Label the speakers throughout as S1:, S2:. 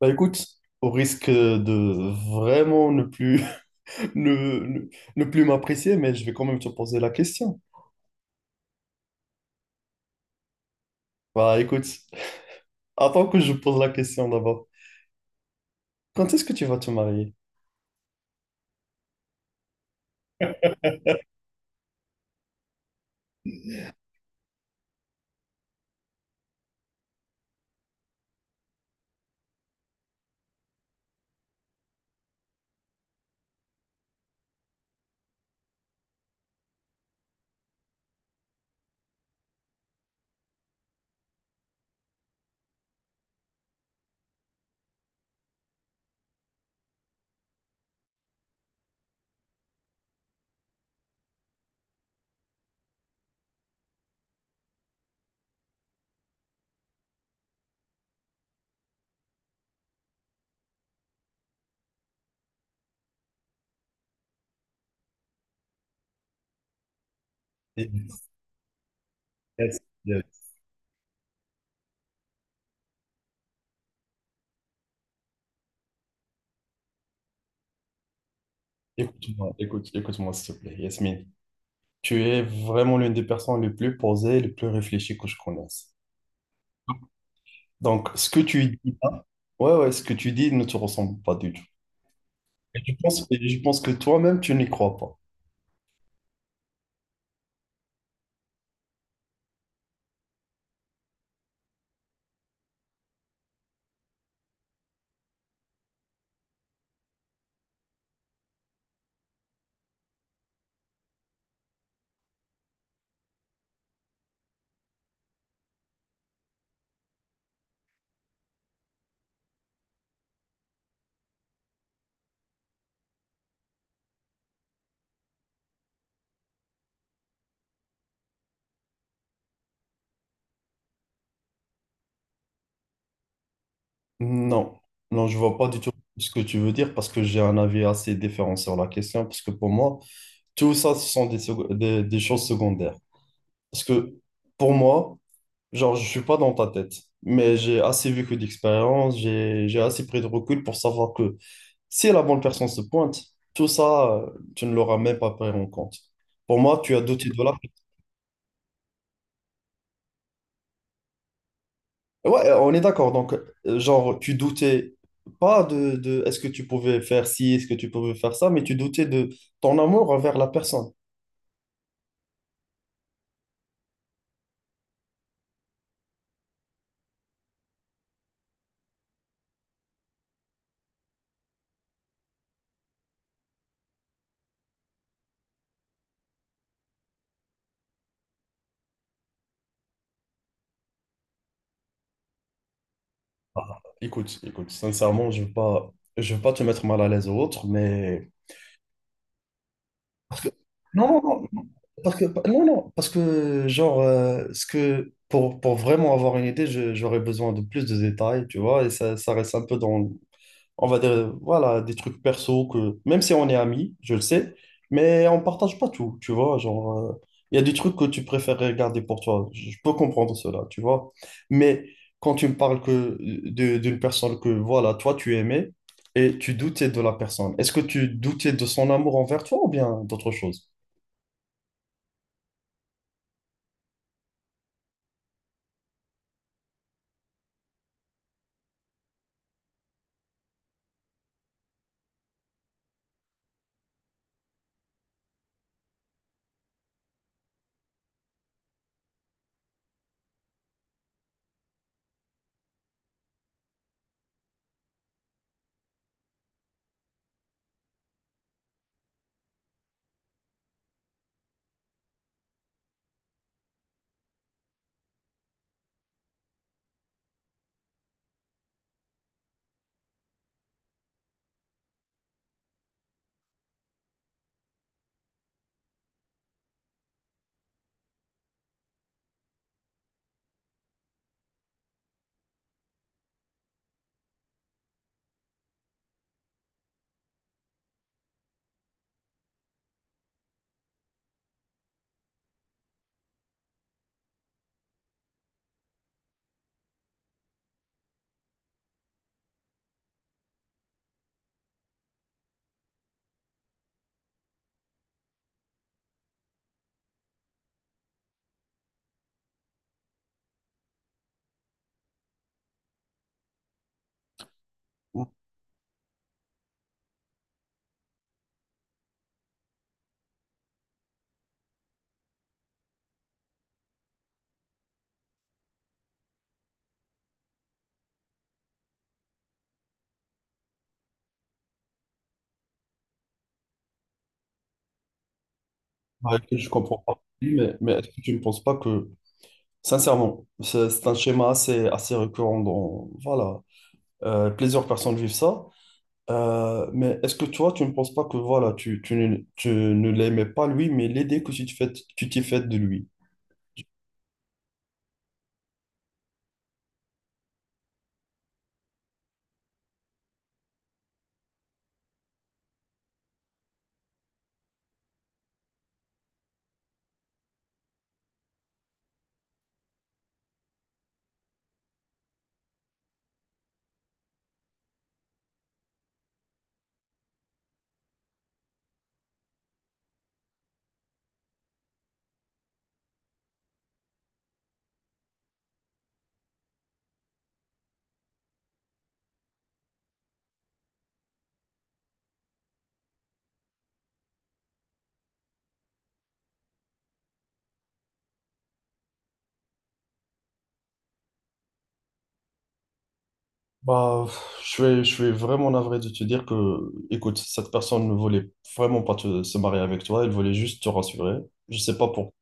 S1: Bah écoute, au risque de vraiment ne plus, ne, ne- ne plus m'apprécier, mais je vais quand même te poser la question. Bah écoute, attends que je pose la question d'abord. Quand est-ce que tu vas te marier? Yes, yes, yes. Écoute-moi, écoute, écoute-moi s'il te plaît, Yasmine. Tu es vraiment l'une des personnes les plus posées, les plus réfléchies que je connaisse. Donc, ce que tu dis là, ouais, ouais, ce que tu dis ne te ressemble pas du tout. Et je pense que toi-même, tu n'y crois pas. Non, non, je vois pas du tout ce que tu veux dire parce que j'ai un avis assez différent sur la question parce que pour moi, tout ça, ce sont des choses secondaires. Parce que pour moi, genre, je suis pas dans ta tête, mais j'ai assez vécu d'expérience, j'ai assez pris de recul pour savoir que si la bonne personne se pointe, tout ça, tu ne l'auras même pas pris en compte. Pour moi, tu as douté de là. Ouais, on est d'accord. Donc, genre, tu doutais pas de, de est-ce que tu pouvais faire ci, est-ce que tu pouvais faire ça, mais tu doutais de ton amour envers la personne. Écoute, écoute, sincèrement, je veux pas te mettre mal à l'aise ou autre, mais parce que non, non, non, parce que non, non, parce que genre, ce que pour vraiment avoir une idée, j'aurais besoin de plus de détails, tu vois, et ça reste un peu dans, on va dire, voilà, des trucs perso que, même si on est amis, je le sais, mais on partage pas tout, tu vois, genre, il y a des trucs que tu préfères garder pour toi, je peux comprendre cela, tu vois, mais quand tu me parles que d'une personne que, voilà, toi, tu aimais et tu doutais de la personne, est-ce que tu doutais de son amour envers toi ou bien d'autre chose? Ouais, que je comprends pas. Oui, mais est-ce que tu ne penses pas que, sincèrement, c'est un schéma assez récurrent dans, voilà, plusieurs personnes vivent ça. Mais est-ce que toi, tu ne penses pas que voilà, tu ne l'aimais pas lui, mais l'idée que tu t'es faite de lui? Bah, pff, je suis vraiment navré de te dire que, écoute, cette personne ne voulait vraiment pas se marier avec toi, elle voulait juste te rassurer. Je sais pas pourquoi,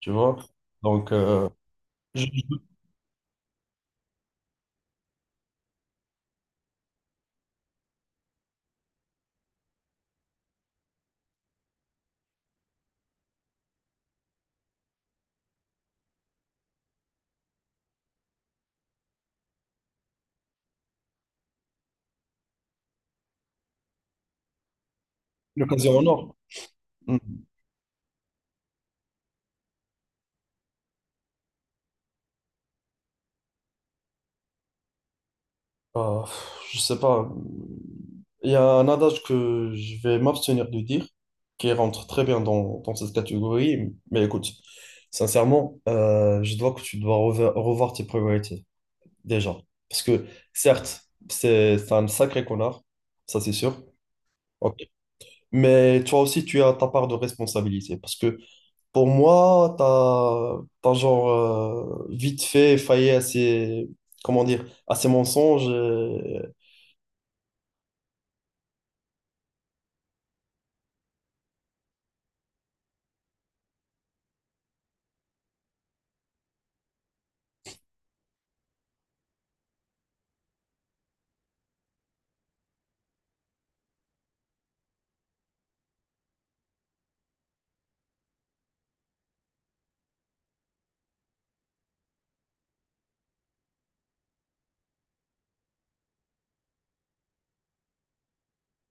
S1: tu vois. Donc, je- je- l'occasion en or. Euh, je sais pas. Il y a un adage que je vais m'abstenir de dire, qui rentre très bien dans, dans cette catégorie. Mais écoute, sincèrement, je dois que tu dois revoir tes priorités, déjà. Parce que, certes, c'est un sacré connard, ça c'est sûr. Ok. Mais toi aussi, tu as ta part de responsabilité. Parce que pour moi, t'as genre vite fait failli à ces, comment dire, à ces mensonges.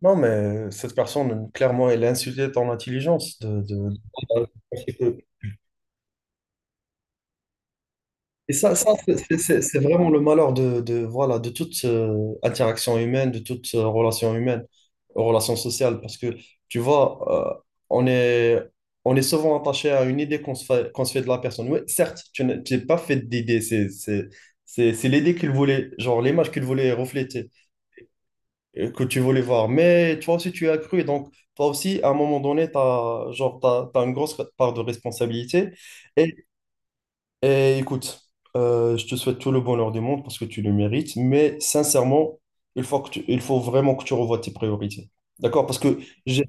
S1: Non, mais cette personne, clairement, elle a insulté ton intelligence. De- Et ça, c'est vraiment le malheur de, voilà, de toute interaction humaine, de toute relation humaine, relation sociale. Parce que, tu vois, on est, on est souvent attaché à une idée qu'on se fait de la personne. Oui, certes, tu n'es pas fait d'idée. C'est l'idée qu'il voulait, genre l'image qu'il voulait refléter. Que tu voulais voir. Mais toi aussi, tu as cru. Et donc, toi aussi, à un moment donné, tu as, genre, t'as une grosse part de responsabilité. Et, et écoute, je te souhaite tout le bonheur du monde parce que tu le mérites. Mais sincèrement, il faut que il faut vraiment que tu revoies tes priorités. D'accord? Parce que j'ai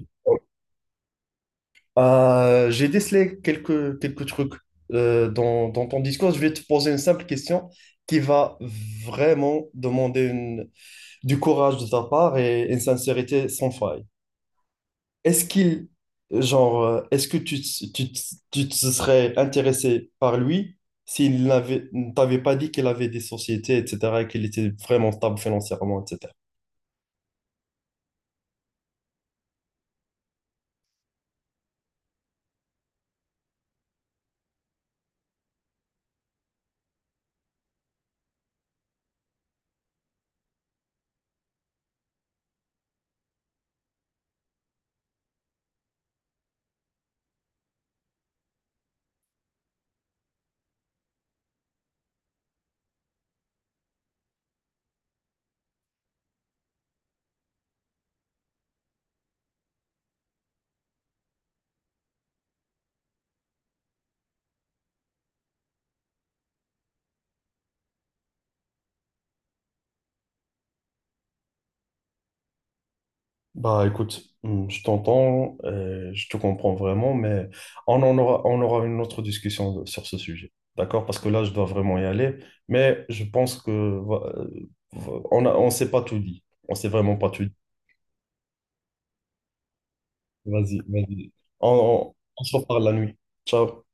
S1: j'ai décelé quelques trucs dans, dans ton discours. Je vais te poser une simple question qui va vraiment demander du courage de ta part et une sincérité sans faille. Est-ce qu'il, genre, est-ce que tu, te- tu, te- tu te serais intéressé par lui ne t'avait pas dit qu'il avait des sociétés, etc., et qu'il était vraiment stable financièrement, etc. Bah écoute, je t'entends, je te comprends vraiment, mais on aura une autre discussion sur ce sujet, d'accord? Parce que là, je dois vraiment y aller, mais je pense que on a, on s'est pas tout dit, on s'est vraiment pas tout dit. Vas-y, vas-y, on, on se reparle la nuit. Ciao.